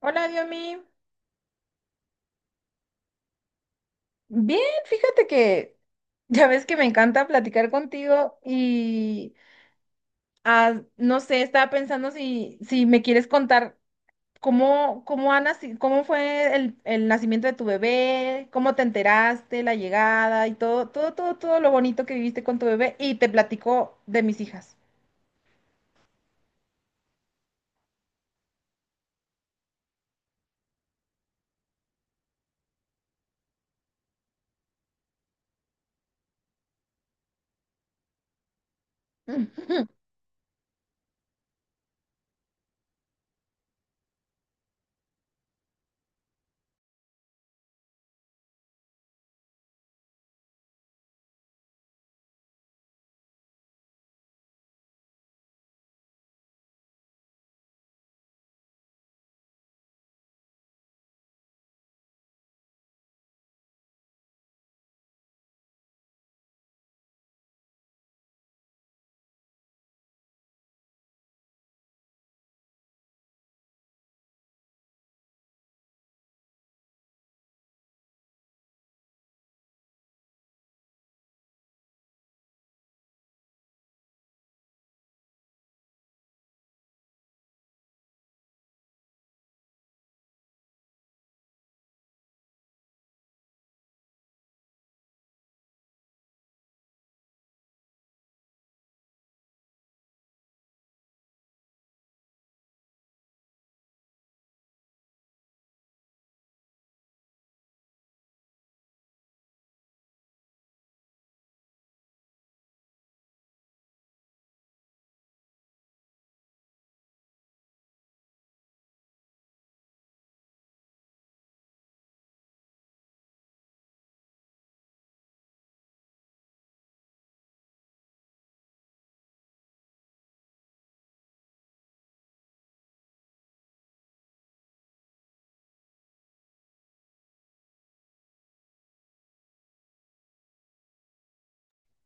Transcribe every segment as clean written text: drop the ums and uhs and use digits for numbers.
Hola, Diomi. Bien, fíjate que ya ves que me encanta platicar contigo y no sé, estaba pensando si me quieres contar cómo fue el nacimiento de tu bebé, cómo te enteraste, la llegada y todo lo bonito que viviste con tu bebé y te platico de mis hijas.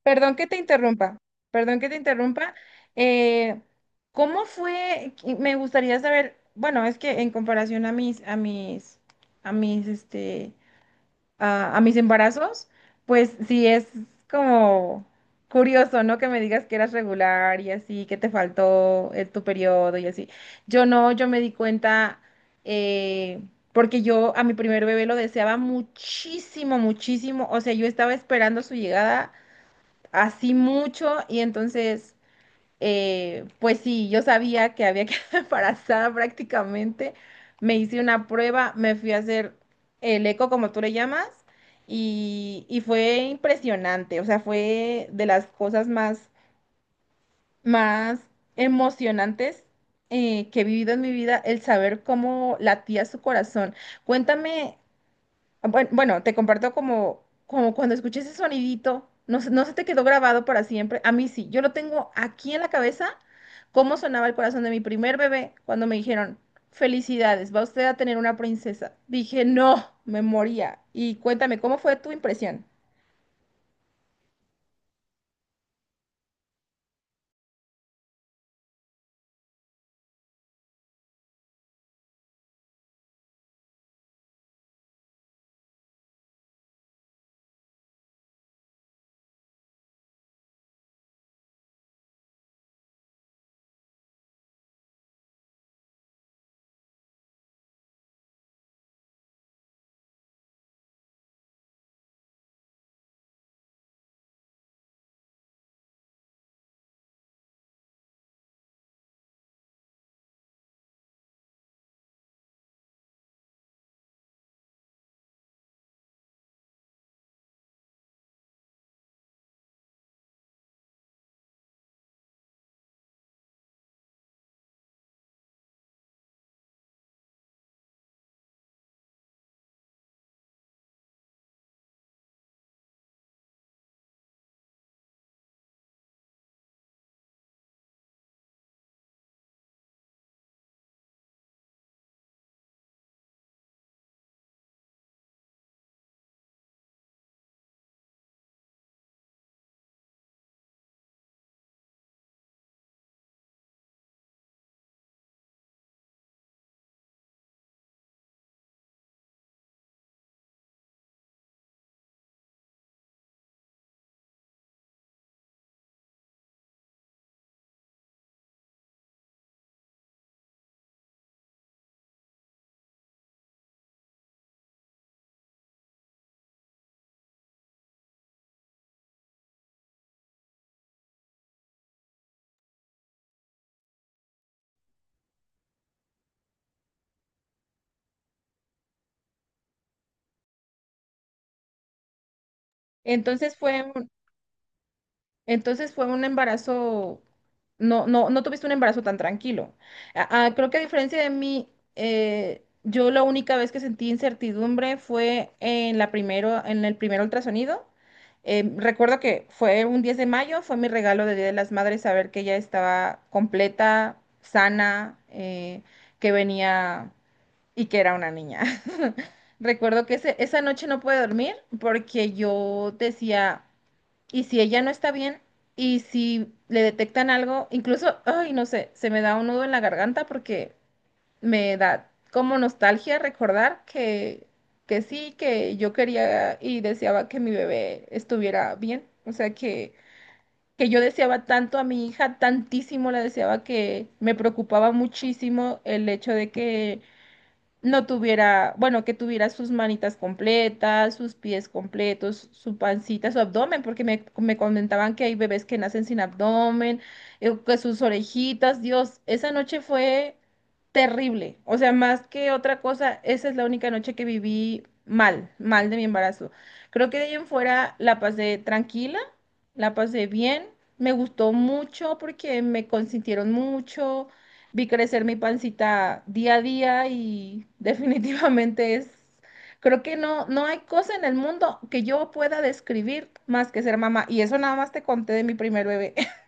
Perdón que te interrumpa, perdón que te interrumpa. eh, ¿Cómo fue? Me gustaría saber, bueno, es que en comparación a a mis, este, mis embarazos, pues sí es como curioso, ¿no? Que me digas que eras regular y así, que te faltó tu periodo y así. Yo no, yo me di cuenta, eh, porque yo a mi primer bebé lo deseaba muchísimo, muchísimo. O sea, yo estaba esperando su llegada así mucho y entonces, pues sí, yo sabía que había quedado embarazada prácticamente. Me hice una prueba, me fui a hacer el eco, como tú le llamas, y fue impresionante, o sea, fue de las cosas más, más emocionantes. Que he vivido en mi vida, el saber cómo latía su corazón. Cuéntame. Bueno, te comparto como, como cuando escuché ese sonidito, no, no se te quedó grabado para siempre. A mí sí, yo lo tengo aquí en la cabeza, cómo sonaba el corazón de mi primer bebé cuando me dijeron, felicidades, va usted a tener una princesa. Dije, no, me moría. Y cuéntame, ¿cómo fue tu impresión? Entonces fue, Entonces fue un embarazo, no, no, no tuviste un embarazo tan tranquilo. Creo que a diferencia de mí, yo la única vez que sentí incertidumbre fue en el primer ultrasonido. Recuerdo que fue un 10 de mayo, fue mi regalo de Día de las Madres saber que ella estaba completa, sana, que venía y que era una niña. Recuerdo que esa noche no pude dormir porque yo decía... ¿Y si ella no está bien, y si le detectan algo? Incluso, ay, no sé, se me da un nudo en la garganta porque me da como nostalgia recordar que sí, que yo quería y deseaba que mi bebé estuviera bien. O sea, que yo deseaba tanto a mi hija, tantísimo la deseaba que me preocupaba muchísimo el hecho de que no tuviera, bueno, que tuviera sus manitas completas, sus pies completos, su pancita, su abdomen, porque me comentaban que hay bebés que nacen sin abdomen, que sus orejitas, Dios, esa noche fue terrible, o sea, más que otra cosa, esa es la única noche que viví mal, mal de mi embarazo. Creo que de ahí en fuera la pasé tranquila, la pasé bien. Me gustó mucho porque me consintieron mucho, vi crecer mi pancita día a día y definitivamente es, creo que no, no hay cosa en el mundo que yo pueda describir más que ser mamá. Y eso nada más te conté de mi primer bebé.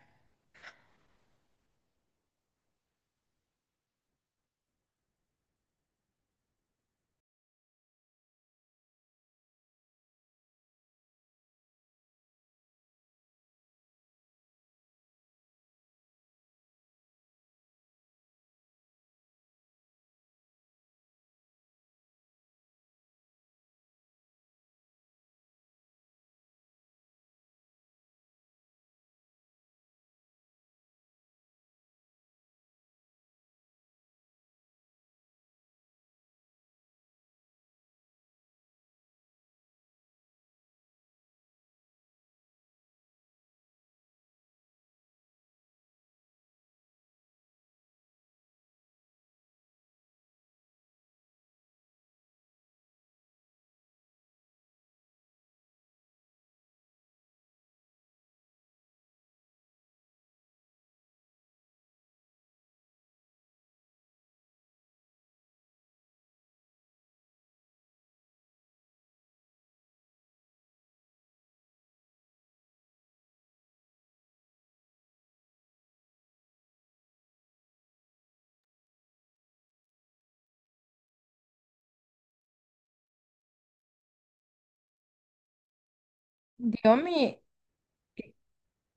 Diomi,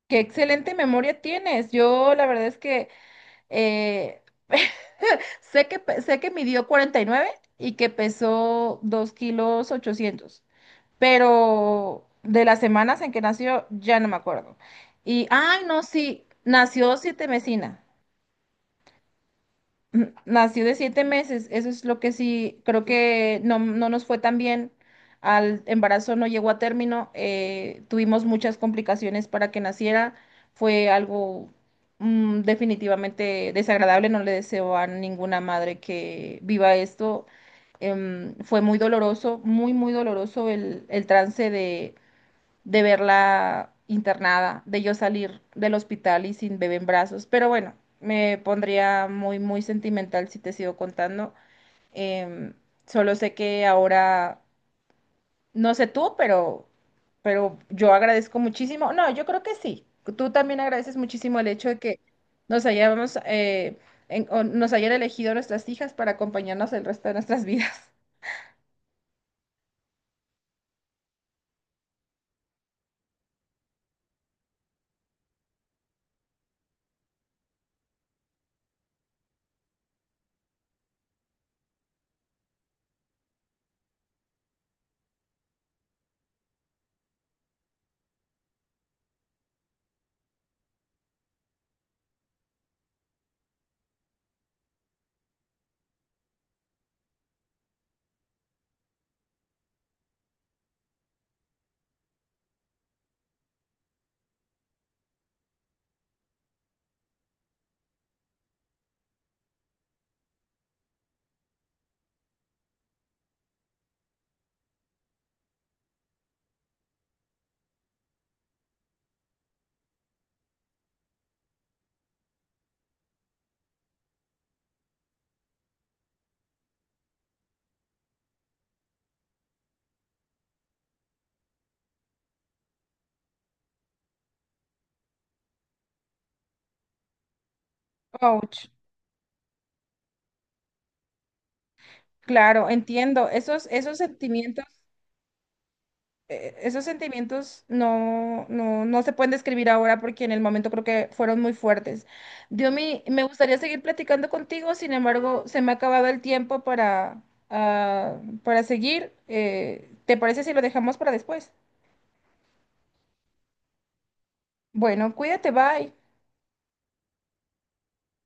qué excelente memoria tienes. Yo la verdad es que eh, sé que, sé que midió 49 y que pesó 2 kilos 800. Pero de las semanas en que nació ya no me acuerdo. Y, ay, no, sí, nació siete mesina. Ujú, nació de siete meses, eso es lo que sí, creo que no, no nos fue tan bien. Al embarazo no llegó a término, tuvimos muchas complicaciones para que naciera, fue algo definitivamente desagradable, no le deseo a ninguna madre que viva esto. Fue muy doloroso, muy, muy doloroso el trance de verla internada, de yo salir del hospital y sin bebé en brazos. Pero bueno, me pondría muy, muy sentimental si te sigo contando. Em, Solo sé que ahora, no sé tú, pero yo agradezco muchísimo. No, yo creo que sí. Tú también agradeces muchísimo el hecho de que nos hayamos, en- o nos hayan elegido nuestras hijas para acompañarnos el resto de nuestras vidas. Ouch. Claro, entiendo. Esos, esos sentimientos. Esos sentimientos no, no, no se pueden describir ahora porque en el momento creo que fueron muy fuertes. Diomi, me gustaría seguir platicando contigo, sin embargo, se me ha acabado el tiempo para, para seguir. ¿Te parece si lo dejamos para después? Bueno, cuídate, bye.